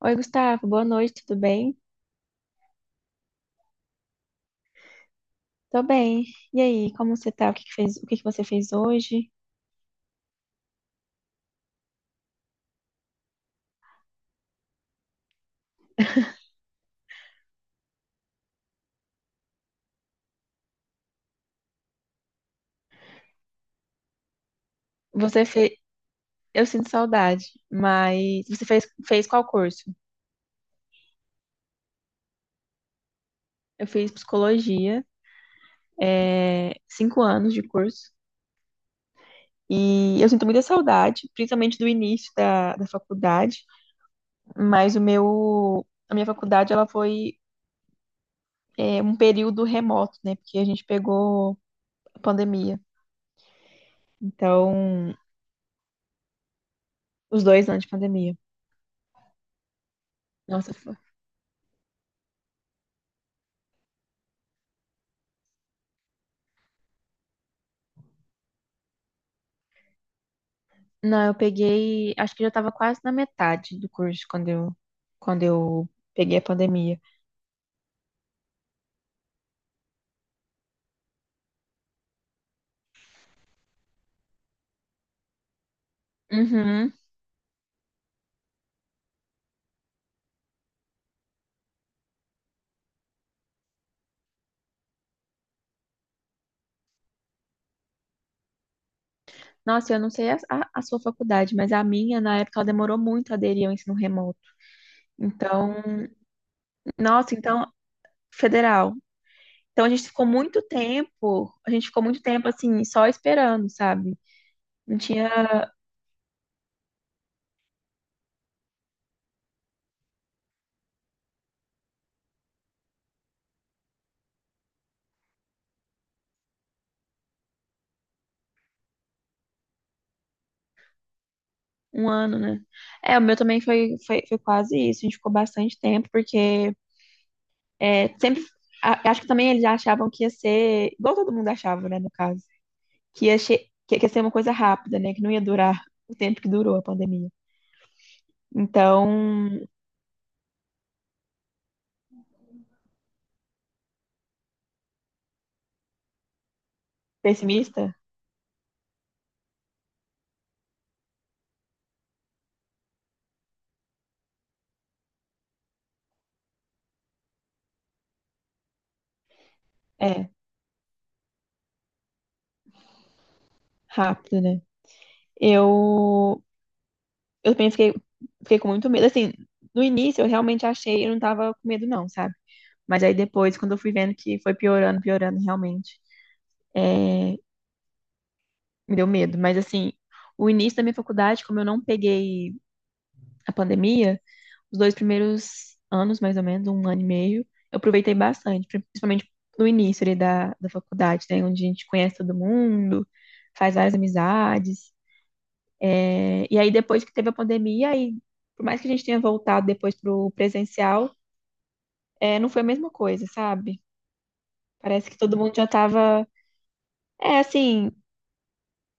Oi, Gustavo, boa noite, tudo bem? Tô bem. E aí, como você tá? O que que fez, o que que você fez hoje? Você fez, eu sinto saudade, mas você fez qual curso? Eu fiz psicologia, 5 anos de curso, e eu sinto muita saudade, principalmente do início da faculdade, mas a minha faculdade, ela foi, um período remoto, né? Porque a gente pegou a pandemia, então, os 2 anos de pandemia. Nossa, não, eu peguei, acho que já estava quase na metade do curso quando eu peguei a pandemia. Uhum. Nossa, eu não sei a sua faculdade, mas a minha, na época, ela demorou muito a aderir ao ensino remoto. Então, nossa, então, federal. Então, a gente ficou muito tempo, a gente ficou muito tempo, assim, só esperando, sabe? Não tinha um ano, né? É, o meu também foi quase isso. A gente ficou bastante tempo, porque sempre, acho que também eles achavam que ia ser, igual todo mundo achava, né, no caso, que ia, che- que ia ser uma coisa rápida, né, que não ia durar o tempo que durou a pandemia. Então, pessimista? É, rápido, né? Eu, eu penso que fiquei com muito medo. Assim, no início eu realmente achei, eu não tava com medo não, sabe? Mas aí depois, quando eu fui vendo que foi piorando, piorando realmente, é, me deu medo. Mas assim, o início da minha faculdade, como eu não peguei a pandemia, os 2 primeiros anos, mais ou menos, um ano e meio, eu aproveitei bastante, principalmente no início ali da faculdade, né? Onde a gente conhece todo mundo, faz várias amizades. E aí, depois que teve a pandemia, aí, por mais que a gente tenha voltado depois pro presencial, não foi a mesma coisa, sabe? Parece que todo mundo já tava, é, assim,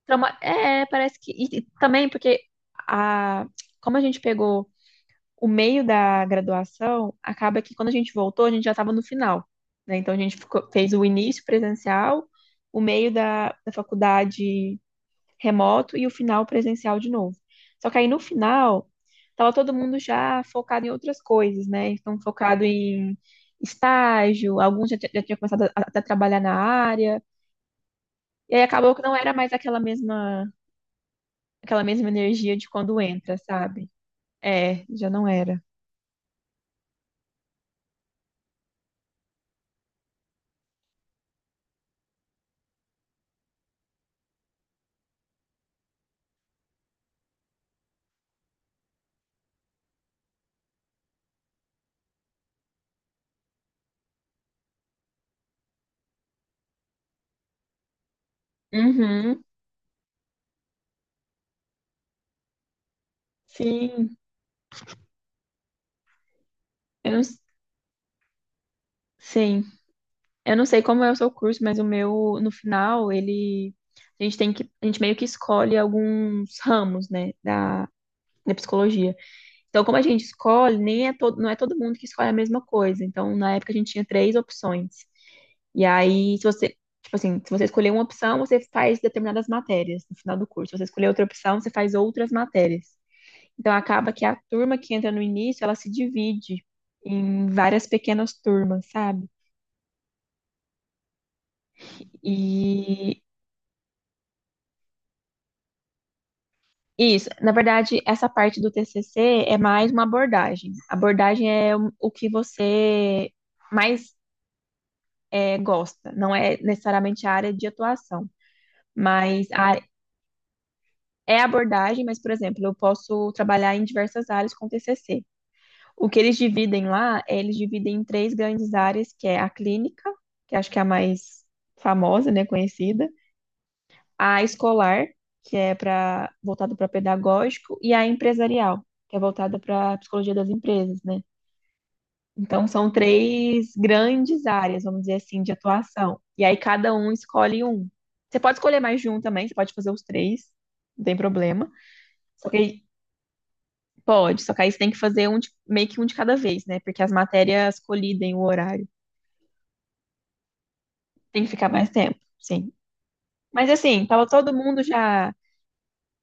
e também porque a, como a gente pegou o meio da graduação acaba que quando a gente voltou, a gente já estava no final, né? Então a gente fez o início presencial, o meio da faculdade remoto e o final presencial de novo. Só que aí no final, estava todo mundo já focado em outras coisas, né? Então focado em estágio, alguns já, já tinham começado a trabalhar na área, e aí acabou que não era mais aquela mesma energia de quando entra, sabe? É, já não era. Uhum, sim. Eu não Sim, eu não sei como é o seu curso, mas o meu, no final, a gente meio que escolhe alguns ramos, né, da psicologia. Então, como a gente escolhe, nem é todo, não é todo mundo que escolhe a mesma coisa. Então, na época a gente tinha três opções. E aí, se você, tipo assim, se você escolher uma opção, você faz determinadas matérias no final do curso. Se você escolher outra opção, você faz outras matérias. Então, acaba que a turma que entra no início, ela se divide em várias pequenas turmas, sabe? E Isso, na verdade, essa parte do TCC é mais uma abordagem. Abordagem é o que você mais gosta, não é necessariamente a área de atuação, mas a área- é abordagem, mas, por exemplo, eu posso trabalhar em diversas áreas com TCC. O que eles dividem lá, é, eles dividem em três grandes áreas, que é a clínica, que acho que é a mais famosa, né, conhecida, a escolar, que é para voltada para pedagógico, e a empresarial, que é voltada para psicologia das empresas, né? Então são três grandes áreas, vamos dizer assim, de atuação. E aí cada um escolhe um. Você pode escolher mais de um também, você pode fazer os três, não tem problema. Só que aí- pode, só que aí você tem que fazer meio que um de cada vez, né? Porque as matérias colidem o horário. Tem que ficar mais tempo, sim. Mas assim, tava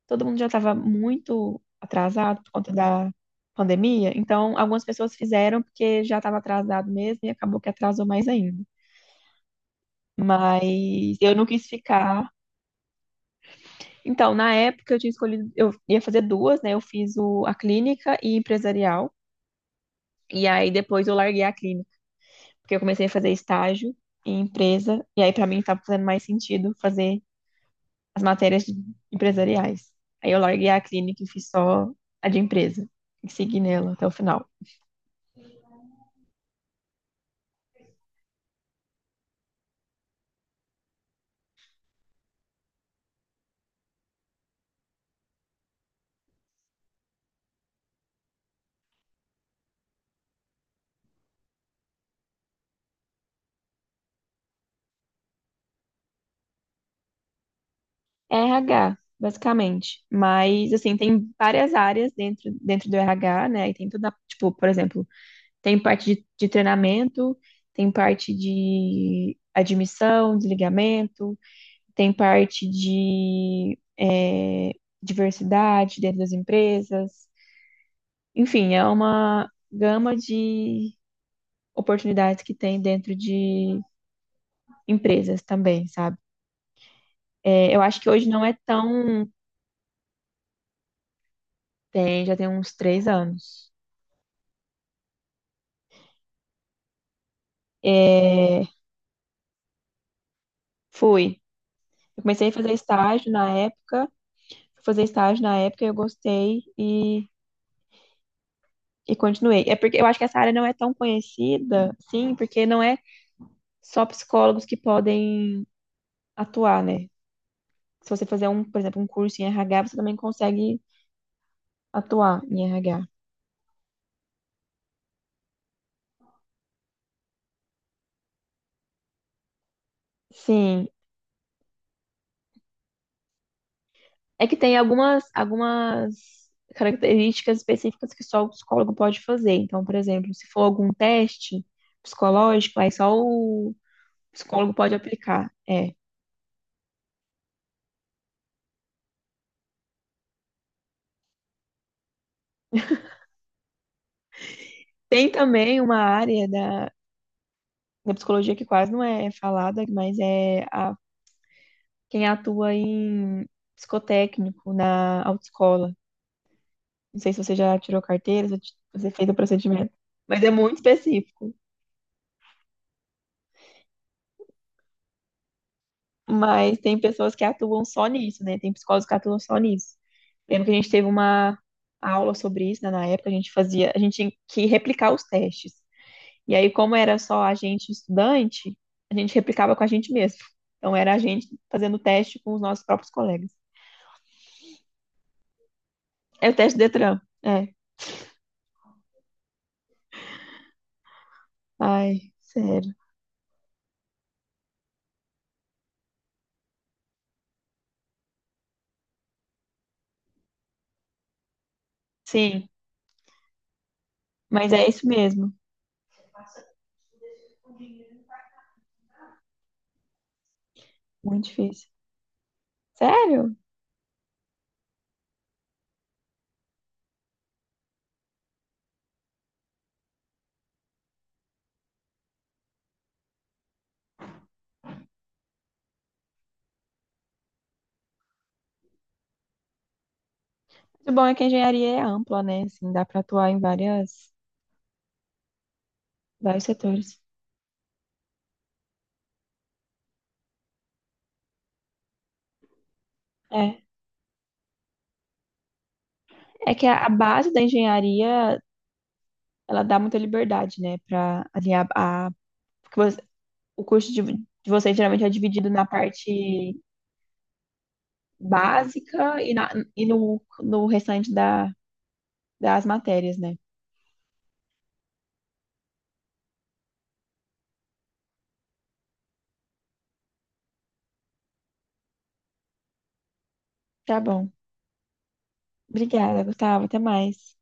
todo mundo já estava muito atrasado por conta da pandemia, então algumas pessoas fizeram porque já estava atrasado mesmo e acabou que atrasou mais ainda. Mas eu não quis ficar. Então, na época eu tinha escolhido, eu ia fazer duas, né? Eu fiz a clínica e empresarial. E aí depois eu larguei a clínica, porque eu comecei a fazer estágio em empresa, e aí para mim estava fazendo mais sentido fazer as empresariais. Aí eu larguei a clínica e fiz só a de empresa, e segui nela até o final. RH, basicamente. Mas, assim, tem várias áreas dentro, dentro do RH, né? E tem toda, tipo, por exemplo, tem parte de treinamento, tem parte de admissão, desligamento, tem parte de diversidade dentro das empresas. Enfim, é uma gama de oportunidades que tem dentro de empresas também, sabe? É, eu acho que hoje não é tão. Já tem uns 3 anos. É, fui. Eu comecei a fazer estágio na época, fui fazer estágio na época, eu gostei e continuei. É porque eu acho que essa área não é tão conhecida, sim, porque não é só psicólogos que podem atuar, né? Se você fazer um, por exemplo, um curso em RH, você também consegue atuar em RH. Sim. É que tem algumas características específicas que só o psicólogo pode fazer. Então, por exemplo, se for algum teste psicológico, aí só o psicólogo pode aplicar. É. Tem também uma área da psicologia que quase não é falada, mas quem atua em psicotécnico na autoescola. Não sei se você já tirou carteira, se você fez o procedimento, mas é muito específico. Mas tem pessoas que atuam só nisso, né? Tem psicólogos que atuam só nisso. Lembro que a gente teve uma aula sobre isso, né? Na época a gente fazia, a gente tinha que replicar os testes. E aí, como era só a gente estudante, a gente replicava com a gente mesmo. Então, era a gente fazendo teste com os nossos próprios colegas. É o teste Detran. É. Ai, sério. Sim, mas é isso mesmo. Muito difícil. Sério? O bom é que a engenharia é ampla, né? Assim, dá para atuar em vários setores. É. É que a base da engenharia, ela dá muita liberdade, né? Para alinhar a. Porque o curso de vocês geralmente é dividido na parte básica e, e no restante das matérias, né? Tá bom. Obrigada, Gustavo. Até mais.